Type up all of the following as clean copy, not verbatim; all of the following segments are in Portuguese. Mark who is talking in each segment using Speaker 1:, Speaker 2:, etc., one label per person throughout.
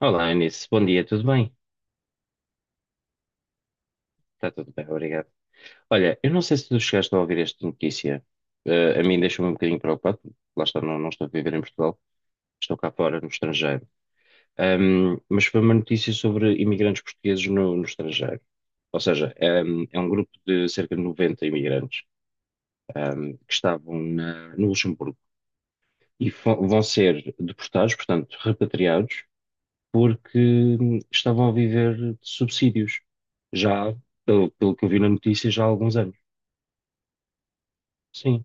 Speaker 1: Olá, Eunice. Bom dia, tudo bem? Está tudo bem, obrigado. Olha, eu não sei se tu chegaste a ouvir esta notícia. A mim deixou-me um bocadinho preocupado. Lá está, não estou a viver em Portugal, estou cá fora, no estrangeiro. Mas foi uma notícia sobre imigrantes portugueses no estrangeiro. Ou seja, é um grupo de cerca de 90 imigrantes, que estavam no Luxemburgo e vão ser deportados, portanto, repatriados porque estavam a viver de subsídios, já, pelo que eu vi na notícia, já há alguns anos. Sim.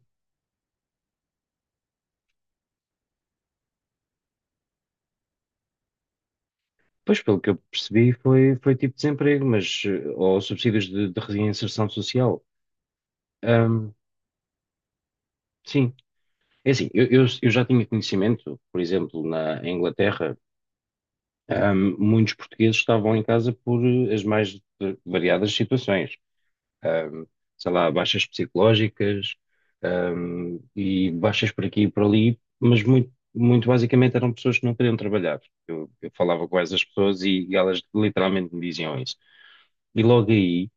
Speaker 1: Pois, pelo que eu percebi, foi tipo desemprego, mas, ou subsídios de reinserção social. Ahm, sim. É assim, eu já tinha conhecimento, por exemplo, na Inglaterra, muitos portugueses estavam em casa por as mais variadas situações. ahm, Sei lá, baixas psicológicas, e baixas por aqui e por ali, mas muito, muito basicamente eram pessoas que não queriam trabalhar. Eu falava com essas pessoas e elas literalmente me diziam isso. E logo aí,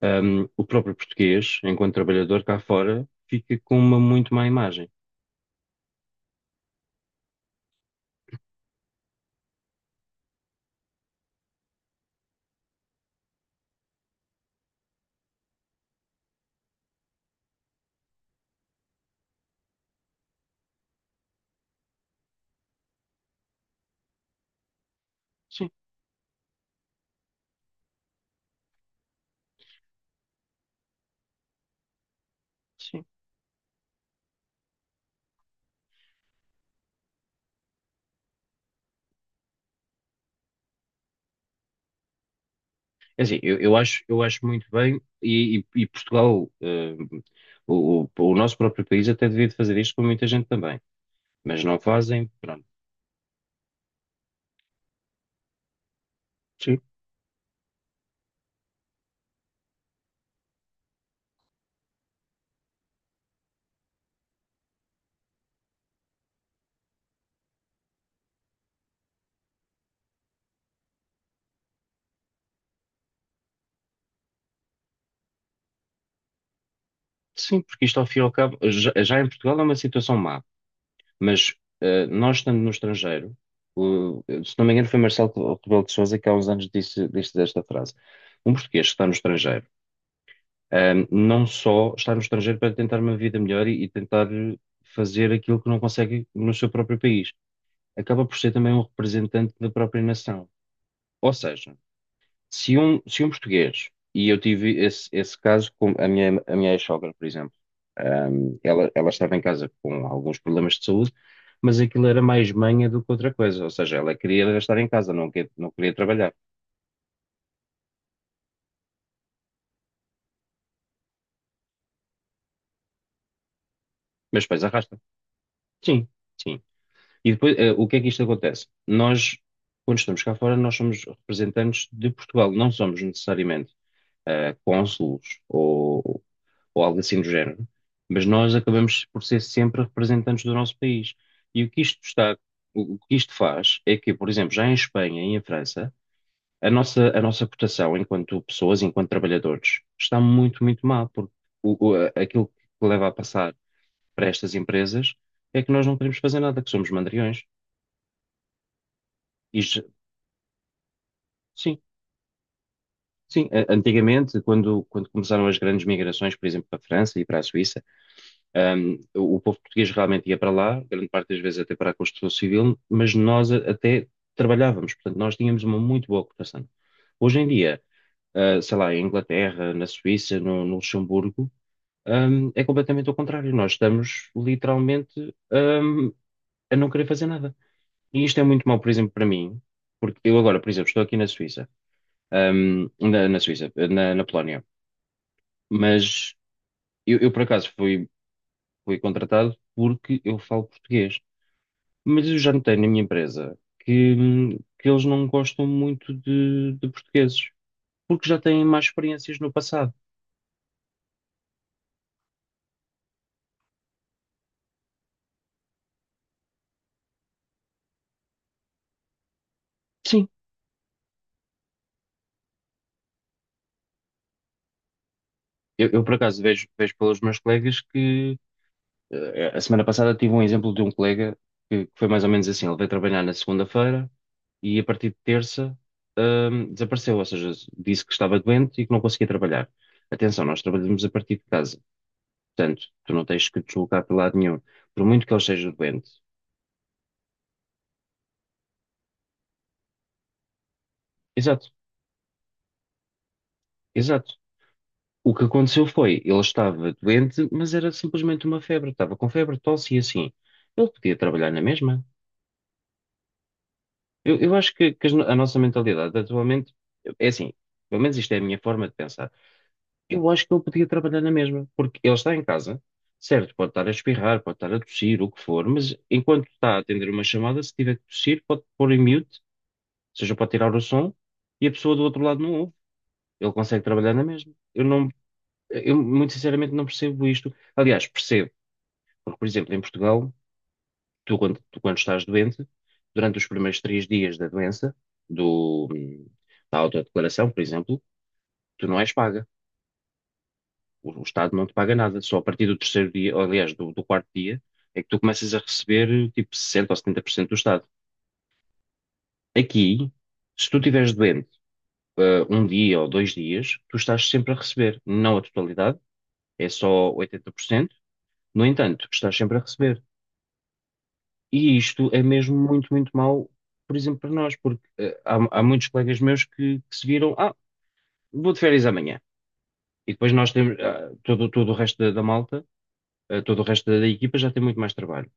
Speaker 1: o próprio português, enquanto trabalhador cá fora, fica com uma muito má imagem. Sim, sim. É assim, eu acho muito bem, e, e Portugal, o nosso próprio país até devia de fazer isto com muita gente também, mas não fazem, pronto. Sim, porque isto ao fim e ao cabo, já em Portugal é uma situação má, mas nós estando no estrangeiro, se não me engano foi Marcelo Rebelo de Sousa que há uns anos disse esta frase. Um português que está no estrangeiro, não só está no estrangeiro para tentar uma vida melhor e tentar fazer aquilo que não consegue no seu próprio país, acaba por ser também um representante da própria nação. Ou seja, se um português, e eu tive esse caso com a minha ex-sogra, por exemplo. Ela estava em casa com alguns problemas de saúde, mas aquilo era mais manha do que outra coisa, ou seja, ela queria era estar em casa, não, não queria trabalhar. Mas depois arrasta. Sim, sim. E depois, o que é que isto acontece? Nós, quando estamos cá fora, nós somos representantes de Portugal, não somos necessariamente cônsulos ou algo assim do género, mas nós acabamos por ser sempre representantes do nosso país. E o que isto está, o que isto faz é que, por exemplo, já em Espanha e em França, a nossa cotação enquanto pessoas, enquanto trabalhadores, está muito, muito mal porque aquilo que leva a passar para estas empresas é que nós não queremos fazer nada, que somos mandriões. E, já- sim, sim, antigamente, quando, começaram as grandes migrações, por exemplo, para a França e para a Suíça. O povo português realmente ia para lá, grande parte das vezes até para a construção civil, mas nós até trabalhávamos, portanto, nós tínhamos uma muito boa cotação. Hoje em dia, sei lá, em Inglaterra, na Suíça, no Luxemburgo, é completamente ao contrário. Nós estamos literalmente, a não querer fazer nada. E isto é muito mau, por exemplo, para mim, porque eu agora, por exemplo, estou aqui na Suíça, na Suíça, na Polónia, mas eu, por acaso fui contratado porque eu falo português. Mas eu já notei na minha empresa que, eles não gostam muito de portugueses, porque já têm mais experiências no passado. Sim, eu, por acaso vejo pelos meus colegas que a semana passada tive um exemplo de um colega que, foi mais ou menos assim. Ele veio trabalhar na segunda-feira e a partir de terça, desapareceu, ou seja, disse que estava doente e que não conseguia trabalhar. Atenção, nós trabalhamos a partir de casa, portanto, tu não tens que te deslocar para lado nenhum, por muito que ele esteja doente. Exato. Exato. O que aconteceu foi, ele estava doente, mas era simplesmente uma febre. Estava com febre, tosse e assim. Ele podia trabalhar na mesma. Eu acho que, as no- a nossa mentalidade atualmente é assim. Pelo menos isto é a minha forma de pensar. Eu acho que ele podia trabalhar na mesma, porque ele está em casa, certo? Pode estar a espirrar, pode estar a tossir, o que for, mas enquanto está a atender uma chamada, se tiver que tossir, pode pôr em mute, ou seja, pode tirar o som e a pessoa do outro lado não ouve. Ele consegue trabalhar na mesma. Eu não, eu muito sinceramente não percebo isto. Aliás, percebo porque, por exemplo, em Portugal, tu quando estás doente, durante os primeiros 3 dias da doença, do, da autodeclaração, por exemplo, tu não és paga. O Estado não te paga nada. Só a partir do terceiro dia, ou, aliás, do quarto dia, é que tu começas a receber tipo 60 ou 70% do Estado. Aqui, se tu estiveres doente, um dia ou 2 dias, tu estás sempre a receber. Não a totalidade, é só 80%. No entanto, estás sempre a receber. E isto é mesmo muito, muito mau, por exemplo, para nós, porque há muitos colegas meus que, se viram, vou de férias amanhã. E depois nós temos, todo, o resto da malta, todo o resto da equipa já tem muito mais trabalho.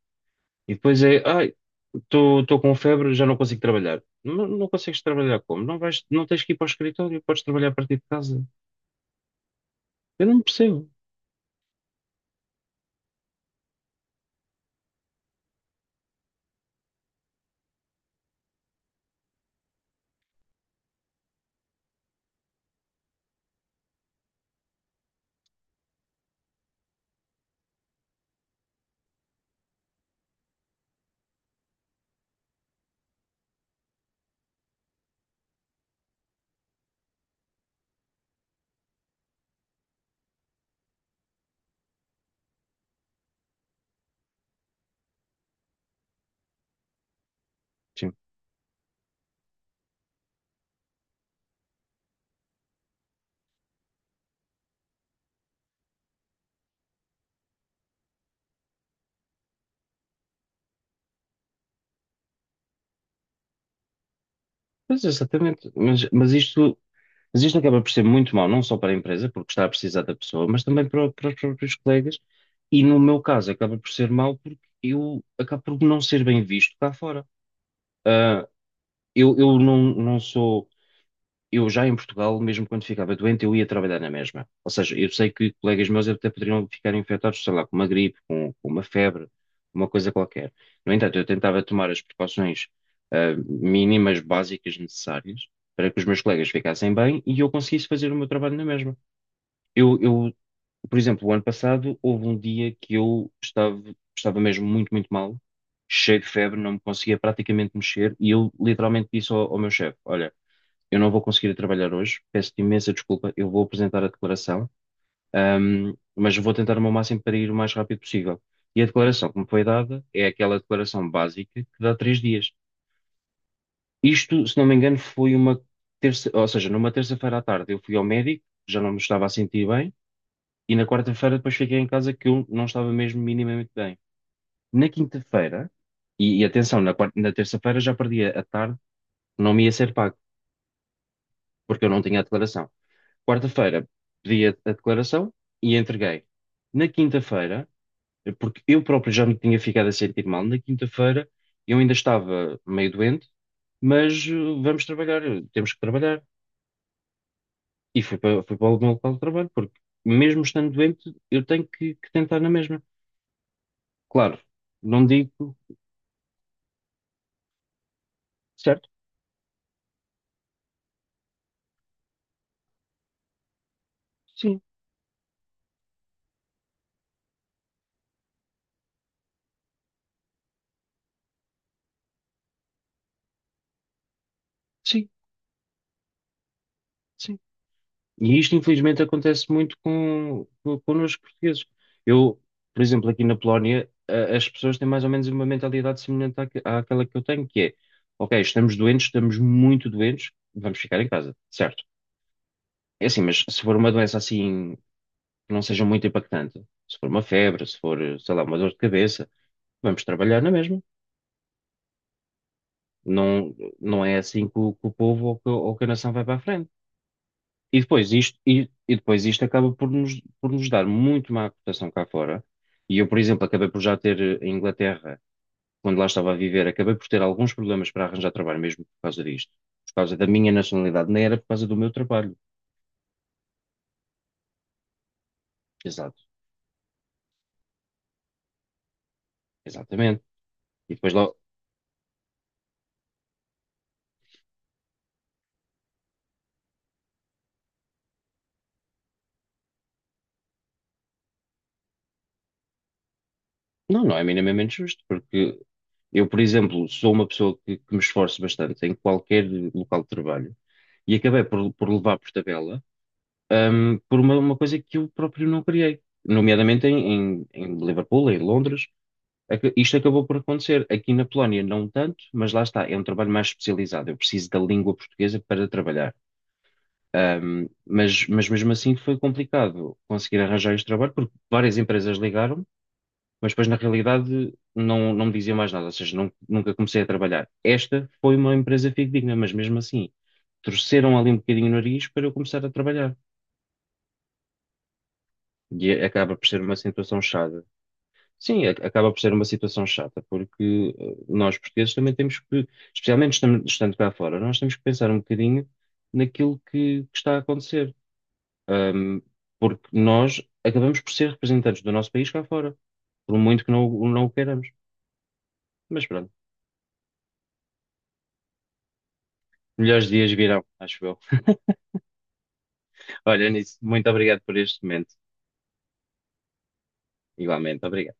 Speaker 1: E depois é, ai, estou com febre, já não consigo trabalhar. Não, não consegues trabalhar como? Não vais, não tens que ir para o escritório, podes trabalhar a partir de casa. Eu não percebo. Pois, exatamente. Mas isto acaba por ser muito mau, não só para a empresa, porque está a precisar da pessoa, mas também para os próprios colegas. E no meu caso, acaba por ser mau porque eu acabo por não ser bem visto cá fora. Ah, eu, não, sou eu já em Portugal, mesmo quando ficava doente, eu ia trabalhar na mesma. Ou seja, eu sei que colegas meus até poderiam ficar infectados, sei lá, com uma gripe, com uma febre, uma coisa qualquer. No entanto, eu tentava tomar as precauções, mínimas, básicas, necessárias para que os meus colegas ficassem bem e eu conseguisse fazer o meu trabalho na mesma. Eu, por exemplo, o ano passado, houve um dia que eu estava, mesmo muito, muito mal, cheio de febre, não me conseguia praticamente mexer e eu literalmente disse ao meu chefe: olha, eu não vou conseguir ir trabalhar hoje, peço-te imensa desculpa, eu vou apresentar a declaração, mas vou tentar o meu máximo para ir o mais rápido possível. E a declaração que me foi dada é aquela declaração básica que dá 3 dias. Isto, se não me engano, foi uma terça, ou seja, numa terça-feira à tarde eu fui ao médico, já não me estava a sentir bem, e na quarta-feira depois fiquei em casa que eu não estava mesmo minimamente bem. Na quinta-feira, e atenção, na terça-feira já perdi a tarde, não me ia ser pago, porque eu não tinha a declaração. Quarta-feira pedi a declaração e a entreguei. Na quinta-feira, porque eu próprio já me tinha ficado a sentir mal, na quinta-feira eu ainda estava meio doente, mas vamos trabalhar, temos que trabalhar. E fui para, o meu local de trabalho, porque mesmo estando doente, eu tenho que, tentar na mesma. Claro, não digo certo, sim, sim, sim. E isto, infelizmente, acontece muito connosco portugueses. Eu, por exemplo, aqui na Polónia, as pessoas têm mais ou menos uma mentalidade semelhante àquela que eu tenho, que é, ok, estamos doentes, estamos muito doentes, vamos ficar em casa, certo? É assim, mas se for uma doença assim, que não seja muito impactante, se for uma febre, se for, sei lá, uma dor de cabeça, vamos trabalhar na mesma. Não, não é assim que o povo ou ou que a nação vai para a frente. E depois isto acaba por nos dar muito má cotação cá fora. E eu, por exemplo, acabei por já ter em Inglaterra, quando lá estava a viver, acabei por ter alguns problemas para arranjar trabalho mesmo por causa disto. Por causa da minha nacionalidade, nem era por causa do meu trabalho. Exato, exatamente. E depois lá, não, não é minimamente justo, porque eu, por exemplo, sou uma pessoa que, me esforço bastante em qualquer local de trabalho e acabei por levar por tabela por uma coisa que eu próprio não criei, nomeadamente em Liverpool, em Londres. Isto acabou por acontecer. Aqui na Polónia, não tanto, mas lá está, é um trabalho mais especializado. Eu preciso da língua portuguesa para trabalhar. Mas mesmo assim foi complicado conseguir arranjar este trabalho, porque várias empresas ligaram, mas depois na realidade não me diziam mais nada, ou seja, nunca comecei a trabalhar. Esta foi uma empresa fidedigna, mas mesmo assim torceram ali um bocadinho o nariz para eu começar a trabalhar. E acaba por ser uma situação chata. Sim, acaba por ser uma situação chata, porque nós portugueses também temos que, especialmente estando cá fora, nós temos que pensar um bocadinho naquilo que, está a acontecer. Ahm, Porque nós acabamos por ser representantes do nosso país cá fora, por muito que não, não o queiramos. Mas pronto, melhores dias virão, acho eu. Olha, nisso, muito obrigado por este momento. Igualmente, obrigado.